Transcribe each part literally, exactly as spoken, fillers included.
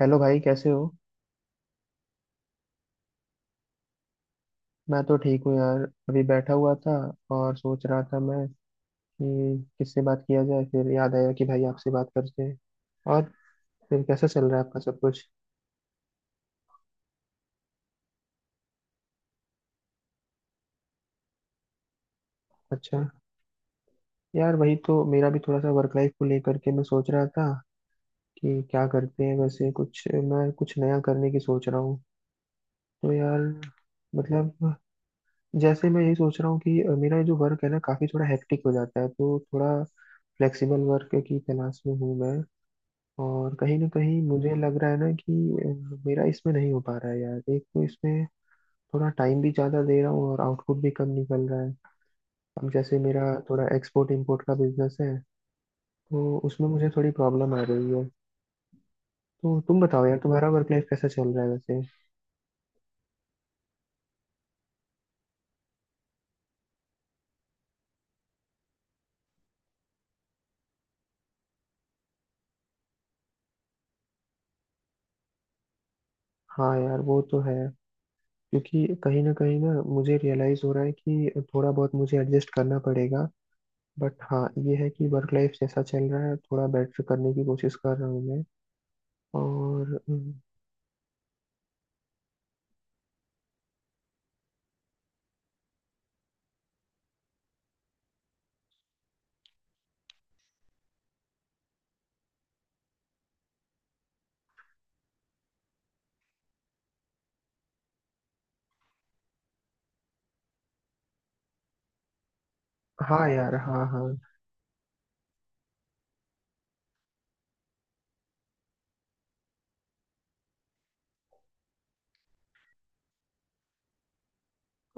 Hello भाई, कैसे हो? मैं तो ठीक हूँ, यार। अभी बैठा हुआ था और सोच रहा था मैं कि किससे बात किया जाए, फिर याद आया कि भाई आपसे बात करते हैं। और फिर कैसा चल रहा है आपका सब कुछ? अच्छा। यार, वही तो मेरा भी, थोड़ा सा वर्क लाइफ को लेकर के मैं सोच रहा था कि क्या करते हैं। वैसे कुछ मैं कुछ नया करने की सोच रहा हूँ। तो यार, मतलब जैसे मैं यही सोच रहा हूँ कि मेरा जो वर्क है ना, काफ़ी थोड़ा हेक्टिक हो जाता है। तो थोड़ा फ्लेक्सिबल वर्क की तलाश में हूँ मैं। और कहीं ना कहीं मुझे लग रहा है ना कि अ, मेरा इसमें नहीं हो पा रहा है, यार। एक तो इसमें थोड़ा टाइम भी ज़्यादा दे रहा हूँ और आउटपुट भी कम निकल रहा है। अब जैसे मेरा थोड़ा एक्सपोर्ट इंपोर्ट का बिजनेस है, तो उसमें मुझे थोड़ी प्रॉब्लम आ रही है। तो तुम बताओ यार, तुम्हारा वर्क लाइफ कैसा चल रहा है वैसे? हाँ यार, वो तो है। क्योंकि कहीं ना कहीं ना मुझे रियलाइज़ हो रहा है कि थोड़ा बहुत मुझे एडजस्ट करना पड़ेगा। बट हाँ, ये है कि वर्क लाइफ जैसा चल रहा है, थोड़ा बेटर करने की कोशिश कर रहा हूँ मैं। और हम्म, हाँ यार, हाँ हाँ।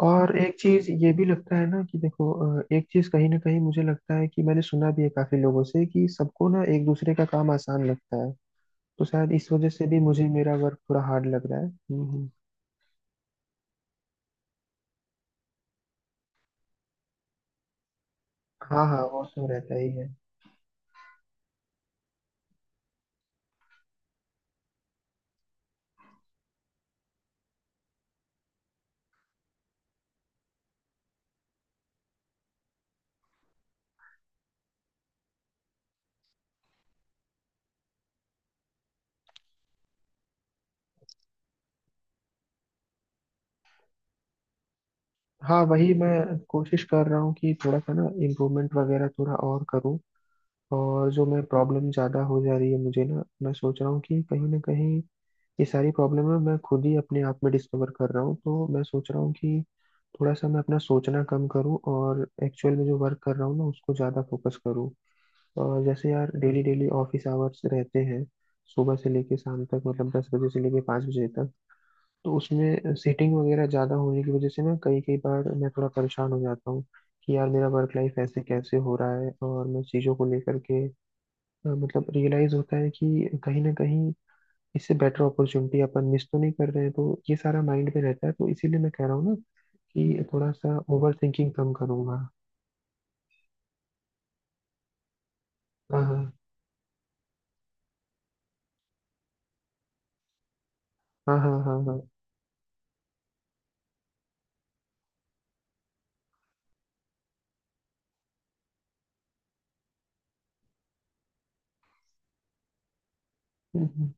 और एक चीज ये भी लगता है ना कि देखो, अ, एक चीज कहीं ना कहीं मुझे लगता है कि मैंने सुना भी है काफी लोगों से कि सबको ना एक दूसरे का काम आसान लगता है। तो शायद इस वजह से भी मुझे मेरा वर्क थोड़ा हार्ड लग रहा है। हम्म हम्म। हाँ हाँ, वो तो रहता ही है। हाँ, वही मैं कोशिश कर रहा हूँ कि थोड़ा सा ना इम्प्रूवमेंट वगैरह थोड़ा और करूँ। और जो मैं प्रॉब्लम ज़्यादा हो जा रही है मुझे ना, मैं सोच रहा हूँ कि कहीं ना कहीं ये सारी प्रॉब्लम है, मैं खुद ही अपने आप में डिस्कवर कर रहा हूँ। तो मैं सोच रहा हूँ कि थोड़ा सा मैं अपना सोचना कम करूँ और एक्चुअल में जो वर्क कर रहा हूँ ना उसको ज़्यादा फोकस करूँ। और जैसे यार डेली डेली ऑफिस आवर्स रहते हैं, सुबह से लेके शाम तक, मतलब दस बजे से लेके पाँच बजे तक। तो उसमें सीटिंग वगैरह ज़्यादा होने की वजह से ना, कई कई बार मैं थोड़ा परेशान हो जाता हूँ कि यार, मेरा वर्क लाइफ ऐसे कैसे हो रहा है। और मैं चीज़ों को लेकर के अ, मतलब रियलाइज़ होता है कि कहीं ना कहीं इससे बेटर अपॉर्चुनिटी अपन मिस तो नहीं कर रहे हैं। तो ये सारा माइंड में रहता है। तो इसीलिए मैं कह रहा हूँ ना कि थोड़ा सा ओवर थिंकिंग कम करूंगा। हाँ हाँ हाँ हाँ हाँ हाँ। हम्म, हम्म।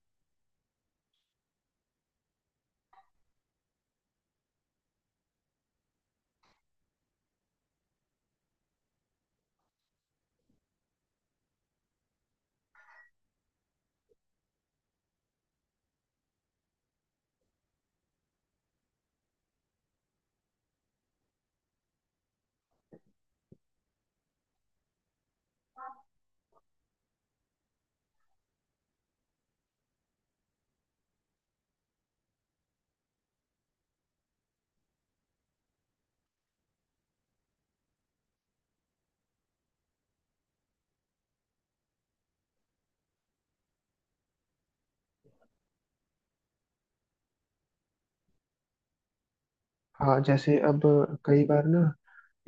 हाँ, जैसे अब कई बार ना,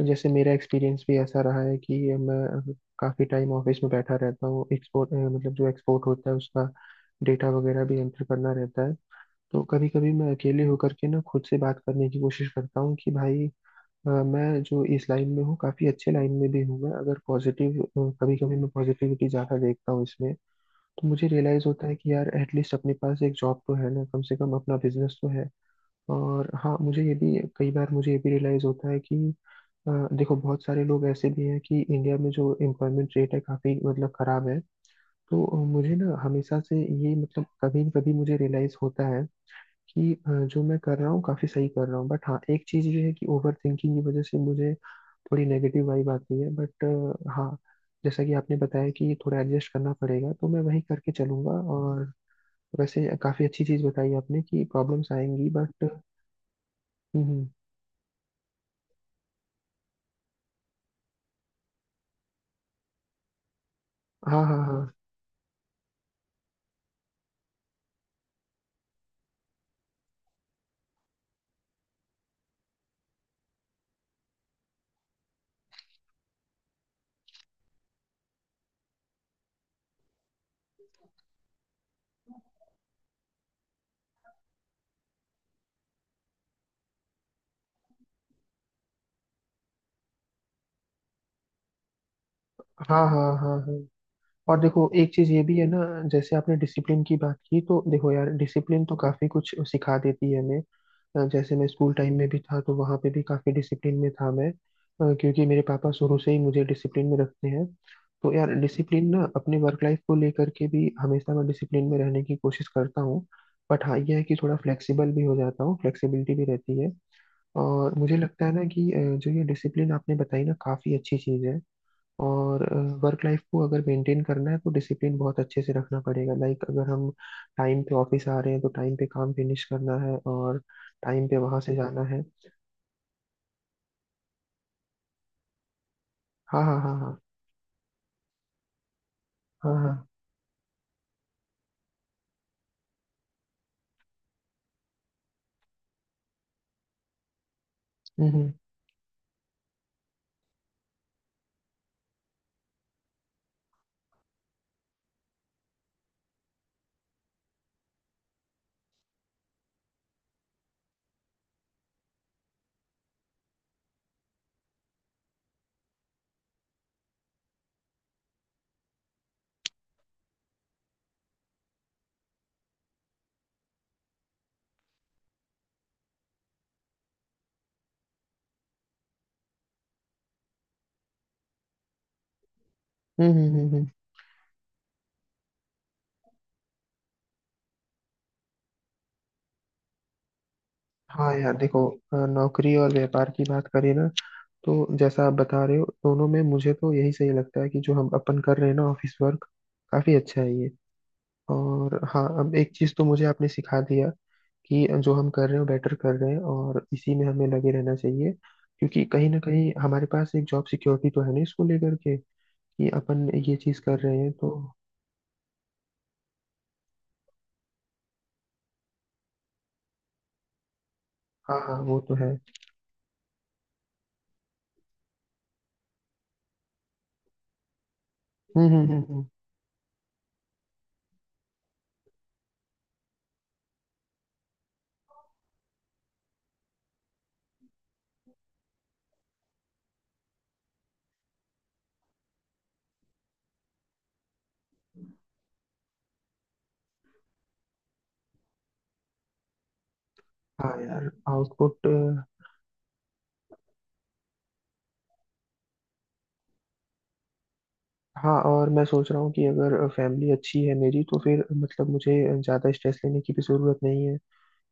जैसे मेरा एक्सपीरियंस भी ऐसा रहा है कि मैं काफ़ी टाइम ऑफिस में बैठा रहता हूँ। एक्सपोर्ट मतलब जो एक्सपोर्ट होता है उसका डेटा वगैरह भी एंटर करना रहता है। तो कभी कभी मैं अकेले होकर के ना, खुद से बात करने की कोशिश करता हूँ कि भाई, अ, मैं जो इस लाइन में हूँ, काफी अच्छे लाइन में भी हूँ मैं। अगर पॉजिटिव कभी कभी मैं पॉजिटिविटी ज्यादा देखता हूँ इसमें, तो मुझे रियलाइज होता है कि यार एटलीस्ट अपने पास एक जॉब तो है ना, कम से कम अपना बिजनेस तो है। और हाँ, मुझे ये भी कई बार मुझे ये भी रियलाइज होता है कि अ, देखो, बहुत सारे लोग ऐसे भी हैं कि इंडिया में जो एम्प्लॉयमेंट रेट है काफी मतलब खराब है। तो अ, मुझे ना हमेशा से ये, मतलब कभी कभी मुझे रियलाइज होता है कि अ, जो मैं कर रहा हूँ काफी सही कर रहा हूँ। बट हाँ, एक चीज ये है कि ओवर थिंकिंग की वजह से मुझे थोड़ी नेगेटिव वाइब आती है। बट हाँ, जैसा कि आपने बताया कि थोड़ा एडजस्ट करना पड़ेगा, तो मैं वही करके चलूंगा। और वैसे काफ़ी अच्छी चीज़ बताई आपने कि प्रॉब्लम्स आएंगी। बट हम्म हम्म, हाँ हाँ हाँ हाँ हाँ हाँ हाँ। और देखो, एक चीज़ ये भी है ना, जैसे आपने डिसिप्लिन की बात की, तो देखो यार, डिसिप्लिन तो काफ़ी कुछ सिखा देती है हमें। अ, जैसे मैं स्कूल टाइम में भी था तो वहाँ पे भी काफ़ी डिसिप्लिन में था मैं, अ, क्योंकि मेरे पापा शुरू से ही मुझे डिसिप्लिन में रखते हैं। तो यार डिसिप्लिन ना, अपने वर्क लाइफ को लेकर के भी हमेशा मैं डिसिप्लिन में रहने की कोशिश करता हूँ। बट हाँ, यह है कि थोड़ा फ्लेक्सिबल भी हो जाता हूँ, फ्लेक्सिबिलिटी भी रहती है। और मुझे लगता है ना कि अ, जो ये डिसिप्लिन आपने बताई ना, काफ़ी अच्छी चीज़ है। और वर्क लाइफ को अगर मेंटेन करना है तो डिसिप्लिन बहुत अच्छे से रखना पड़ेगा। लाइक अगर हम टाइम पे ऑफिस आ रहे हैं तो टाइम पे काम फिनिश करना है और टाइम पे वहां से जाना है। हाँ हाँ हाँ हाँ हाँ हाँ। हम्म हम्म हम्म हम्म हम्म, हम्म। हाँ यार देखो, अ, नौकरी और व्यापार की बात करें ना, तो जैसा आप बता रहे हो, दोनों में मुझे तो यही सही लगता है कि जो हम अपन कर रहे हैं ना ऑफिस वर्क, काफी अच्छा है ये। और हाँ, अब एक चीज तो मुझे आपने सिखा दिया कि जो हम कर रहे हैं वो बेटर कर रहे हैं और इसी में हमें लगे रहना चाहिए। क्योंकि कहीं ना कहीं हमारे पास एक जॉब सिक्योरिटी तो है ना, इसको लेकर के कि अपन ये चीज कर रहे हैं तो। हाँ हाँ, वो तो है। हम्म हम्म हम्म हम्म। हाँ यार आउटपुट। हाँ, और मैं सोच रहा हूँ कि अगर फैमिली अच्छी है मेरी, तो फिर मतलब मुझे ज़्यादा स्ट्रेस लेने की भी ज़रूरत नहीं है।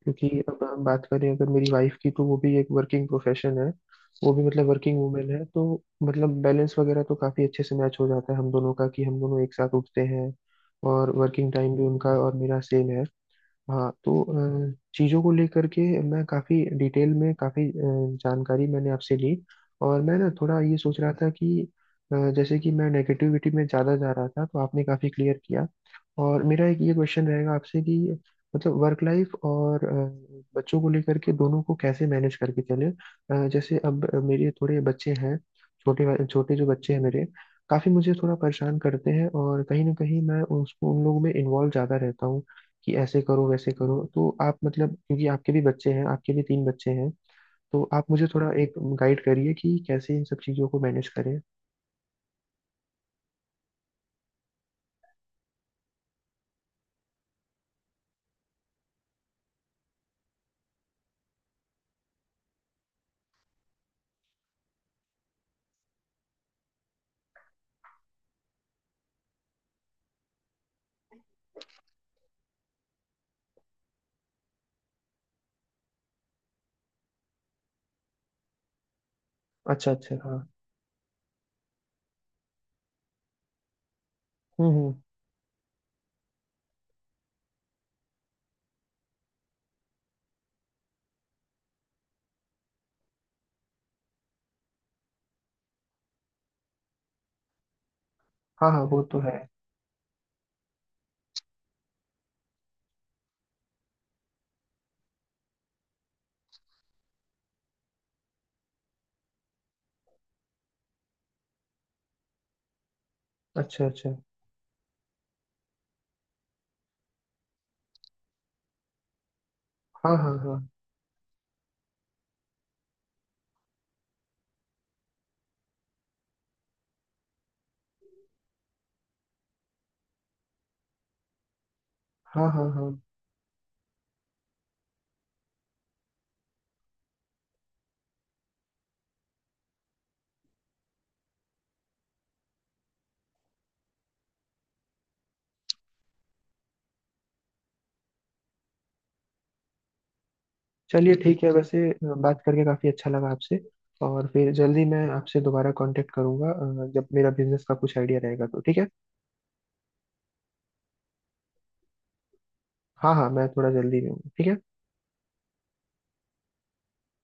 क्योंकि अब हम बात करें अगर मेरी वाइफ की, तो वो भी एक वर्किंग प्रोफेशन है। वो भी, मतलब वर्किंग वूमेन है, तो मतलब बैलेंस वगैरह तो काफी अच्छे से मैच हो जाता है हम दोनों का, कि हम दोनों एक साथ उठते हैं और वर्किंग टाइम भी उनका और मेरा सेम है। हाँ तो अ, चीज़ों को लेकर के मैं काफ़ी डिटेल में, काफ़ी जानकारी मैंने आपसे ली। और मैं ना थोड़ा ये सोच रहा था कि अ, जैसे कि मैं नेगेटिविटी में ज़्यादा जा रहा था, तो आपने काफ़ी क्लियर किया। और मेरा एक ये क्वेश्चन रहेगा आपसे कि मतलब वर्क लाइफ और अ, बच्चों को लेकर के दोनों को कैसे मैनेज करके चले। अ, जैसे अब मेरे थोड़े बच्चे हैं, छोटे वाले- छोटे जो बच्चे हैं मेरे, काफ़ी मुझे थोड़ा परेशान करते हैं। और कहीं ना कहीं मैं उसको, उन लोगों में इन्वॉल्व ज़्यादा रहता हूँ कि ऐसे करो वैसे करो। तो आप, मतलब क्योंकि आपके भी बच्चे हैं, आपके भी तीन बच्चे हैं, तो आप मुझे थोड़ा एक गाइड करिए कि कैसे इन सब चीज़ों को मैनेज करें। अच्छा अच्छा, हाँ। हम्म हम्म। हाँ हाँ, वो तो है। अच्छा अच्छा। हाँ हाँ हाँ हाँ हाँ हाँ। चलिए ठीक है। वैसे अ, बात करके काफ़ी अच्छा लगा आपसे। और फिर जल्दी मैं आपसे दोबारा कांटेक्ट करूंगा, अ, जब मेरा बिजनेस का कुछ आइडिया रहेगा तो। ठीक है। हाँ हाँ, मैं थोड़ा जल्दी में हूँ, ठीक है।